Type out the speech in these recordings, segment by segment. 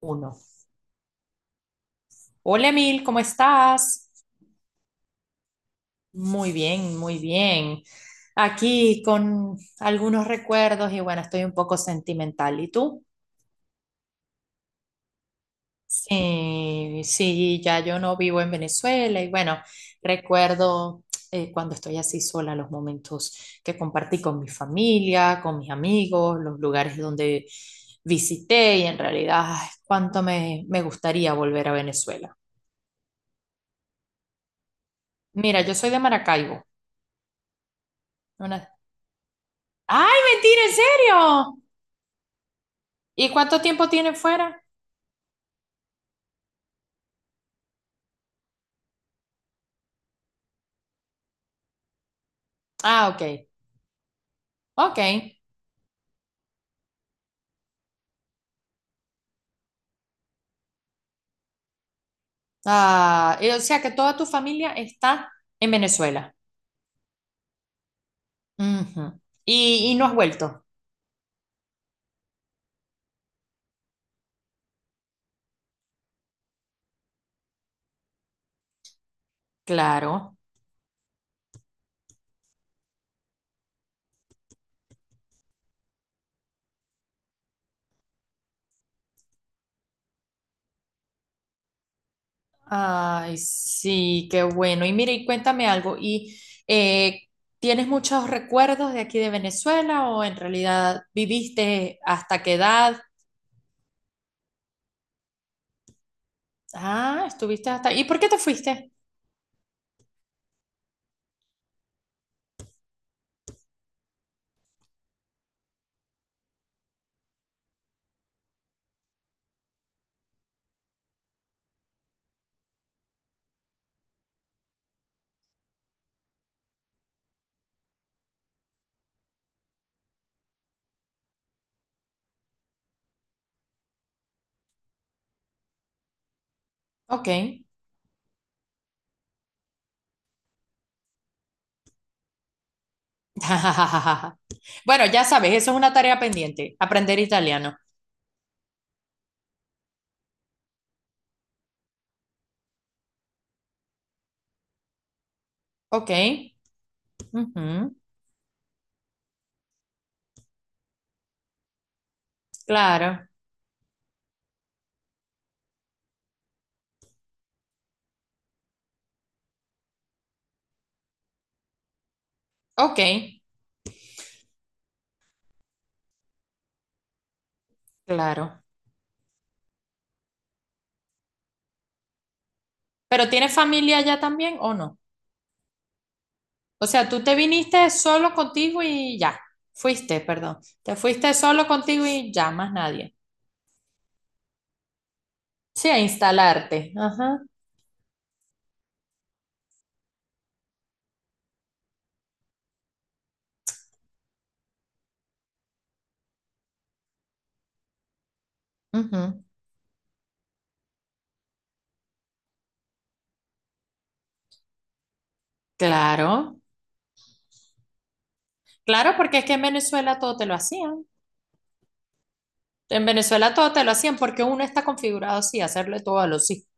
Uno. Hola Emil, ¿cómo estás? Muy bien, muy bien. Aquí con algunos recuerdos y bueno, estoy un poco sentimental. ¿Y tú? Sí, sí, ya yo no vivo en Venezuela y bueno, recuerdo cuando estoy así sola, los momentos que compartí con mi familia, con mis amigos, los lugares donde visité y en realidad, ay, cuánto me gustaría volver a Venezuela. Mira, yo soy de Maracaibo, una, ay, mentira, ¿en serio? ¿Y cuánto tiempo tiene fuera? Ah, ok, ok. Ah, y o sea que toda tu familia está en Venezuela. Ujú. Y no has vuelto. Claro. Ay, sí, qué bueno. Y mire, y cuéntame algo. ¿Y eh, tienes muchos recuerdos de aquí de Venezuela o en realidad viviste hasta qué edad? Ah, estuviste hasta... ¿Y por qué te fuiste? Ok. Bueno, ya sabes, eso es una tarea pendiente, aprender italiano. Ok, ujú, claro, ok, claro. ¿Pero tienes familia allá también o no? O sea, tú te viniste solo contigo y ya, fuiste, perdón, te fuiste solo contigo y ya, más nadie. Sí, a instalarte. Ajá, ujú, claro, claro, porque es que en Venezuela todo te lo hacían. En Venezuela todo te lo hacían porque uno está configurado así, a hacerle todo a los hijos.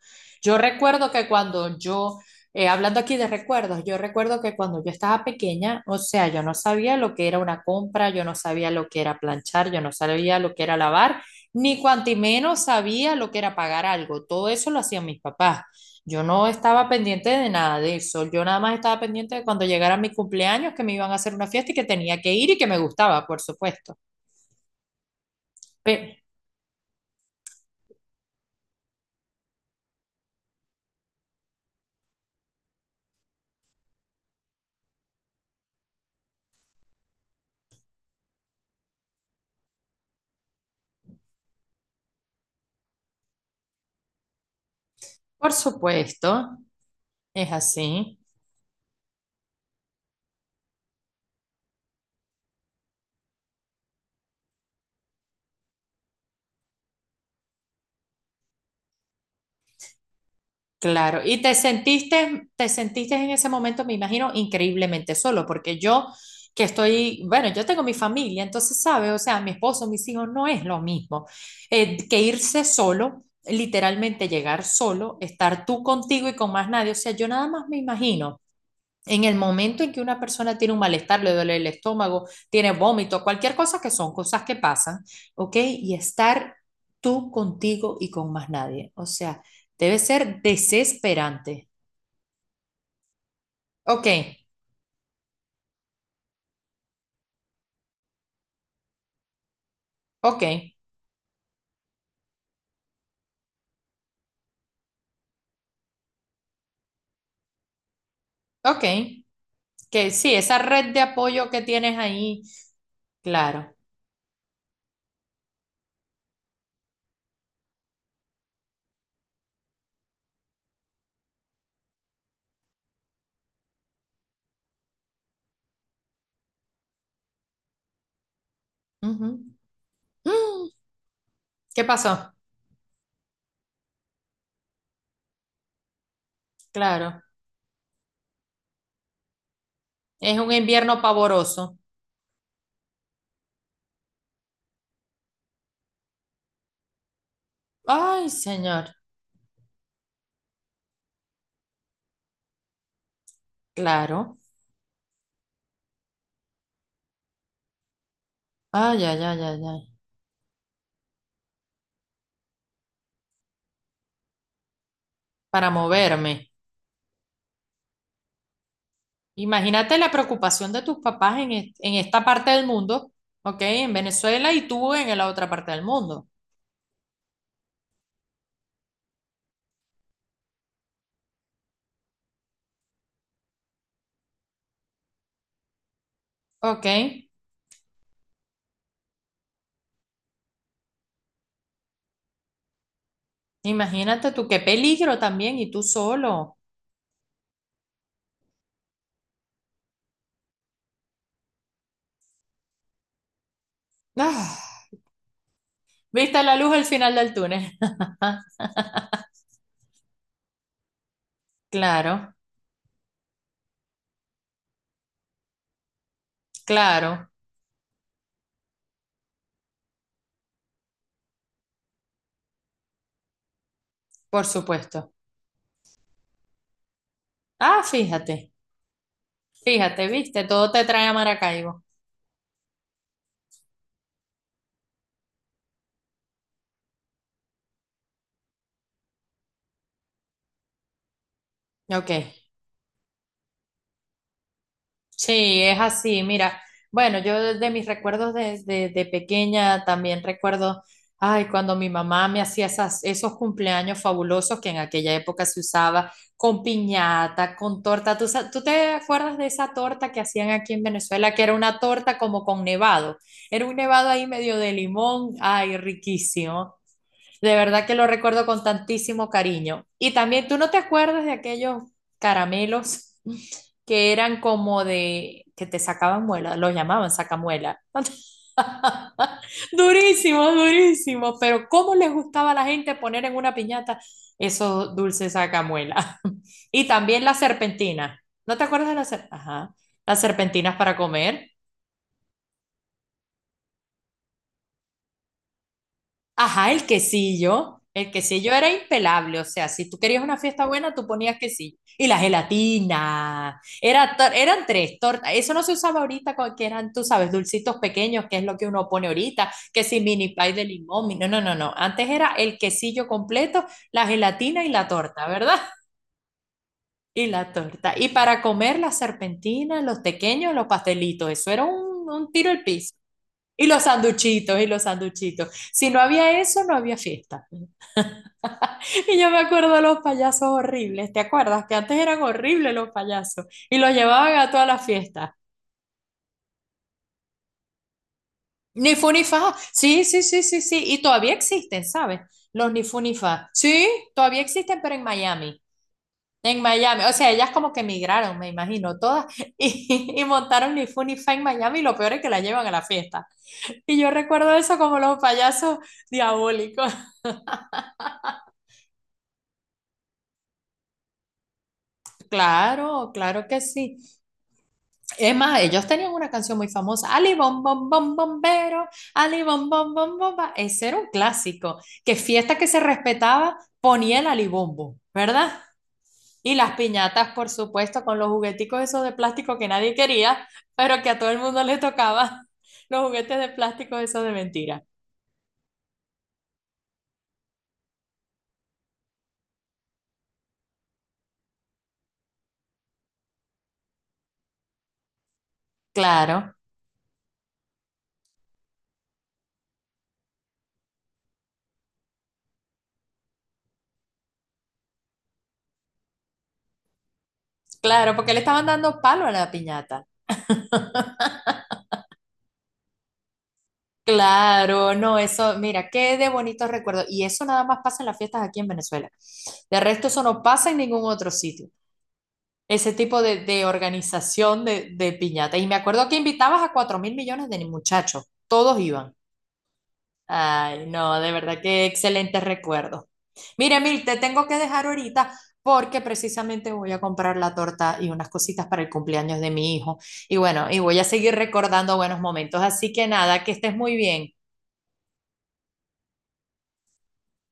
Yo recuerdo que cuando yo, hablando aquí de recuerdos, yo recuerdo que cuando yo estaba pequeña, o sea, yo no sabía lo que era una compra, yo no sabía lo que era planchar, yo no sabía lo que era lavar, ni cuanto menos sabía lo que era pagar algo. Todo eso lo hacían mis papás. Yo no estaba pendiente de nada de eso. Yo nada más estaba pendiente de cuando llegara mi cumpleaños, que me iban a hacer una fiesta y que tenía que ir y que me gustaba, por supuesto. Pe- por supuesto. Es así, claro. Y te sentiste en ese momento, me imagino, increíblemente solo, porque yo que estoy, bueno, yo tengo mi familia, entonces, ¿sabes? O sea, mi esposo, mis hijos, no es lo mismo que irse solo, literalmente llegar solo, estar tú contigo y con más nadie. O sea, yo nada más me imagino en el momento en que una persona tiene un malestar, le duele el estómago, tiene vómito, cualquier cosa que son cosas que pasan, ¿ok? Y estar tú contigo y con más nadie. O sea, debe ser desesperante. Ok, ok, ok. Que sí, esa red de apoyo que tienes ahí, claro. Ujú. Mm, ¿qué pasó? Claro. Es un invierno pavoroso. Ay, señor. Claro. Ay, ay, ay, ay, ay. Para moverme. Imagínate la preocupación de tus papás en esta parte del mundo, ¿ok? En Venezuela y tú en la otra parte del mundo, ¿ok? Imagínate tú qué peligro también y tú solo. Ah, ¿viste la luz al final del túnel? Claro, claro, por supuesto. Ah, fíjate, fíjate, viste, todo te trae a Maracaibo. Ok. Sí, es así. Mira, bueno, yo de mis recuerdos desde de pequeña también recuerdo, ay, cuando mi mamá me hacía esos cumpleaños fabulosos que en aquella época se usaba con piñata, con torta. ¿Tú te acuerdas de esa torta que hacían aquí en Venezuela, que era una torta como con nevado? Era un nevado ahí medio de limón, ay, riquísimo. De verdad que lo recuerdo con tantísimo cariño. Y también, ¿tú no te acuerdas de aquellos caramelos que eran como de, que te sacaban muela, los llamaban sacamuela? Durísimos, durísimos, pero ¿cómo les gustaba a la gente poner en una piñata esos dulces sacamuela? Y también las serpentinas. ¿No te acuerdas de las, ajá, las serpentinas para comer? Ajá, el quesillo. El quesillo era impelable, o sea, si tú querías una fiesta buena, tú ponías quesillo. Y la gelatina. Eran tres tortas. Eso no se usaba ahorita, que eran, tú sabes, dulcitos pequeños, que es lo que uno pone ahorita, que si mini pie de limón. No, no, no, no. Antes era el quesillo completo, la gelatina y la torta, ¿verdad? Y la torta. Y para comer las serpentinas, los pequeños, los pastelitos. Eso era un tiro al piso. Y los sanduchitos, y los sanduchitos. Si no había eso, no había fiesta. Y yo me acuerdo de los payasos horribles, ¿te acuerdas? Que antes eran horribles los payasos y los llevaban a todas las fiestas. Ni Fu Ni Fa. Sí, sí, sí, sí, sí. Y todavía existen, ¿sabes? Los Ni Fu Ni Fa. Sí, todavía existen, pero en Miami. En Miami. O sea, ellas como que emigraron, me imagino, todas. Y montaron Ni Fu Ni Fa en Miami. Y lo peor es que la llevan a la fiesta. Y yo recuerdo eso como los payasos diabólicos. Claro, claro que sí. Es más, ellos tenían una canción muy famosa, Ali Bom Bom Bom Bombero, Ali Bom Bom Bom Bomba. Ese era un clásico, que fiesta que se respetaba ponía el alibombo, ¿verdad? Y las piñatas, por supuesto, con los jugueticos esos de plástico que nadie quería, pero que a todo el mundo le tocaba, los juguetes de plástico esos de mentira. Claro, claro, porque le estaban dando palo a la piñata. Claro, no, eso, mira, qué de bonitos recuerdos. Y eso nada más pasa en las fiestas aquí en Venezuela. De resto, eso no pasa en ningún otro sitio. Ese tipo de organización de piñata. Y me acuerdo que invitabas a cuatro mil millones de muchachos. Todos iban. Ay, no, de verdad, qué excelente recuerdo. Mira, Emil, te tengo que dejar ahorita porque precisamente voy a comprar la torta y unas cositas para el cumpleaños de mi hijo. Y bueno, y voy a seguir recordando buenos momentos. Así que nada, que estés muy bien.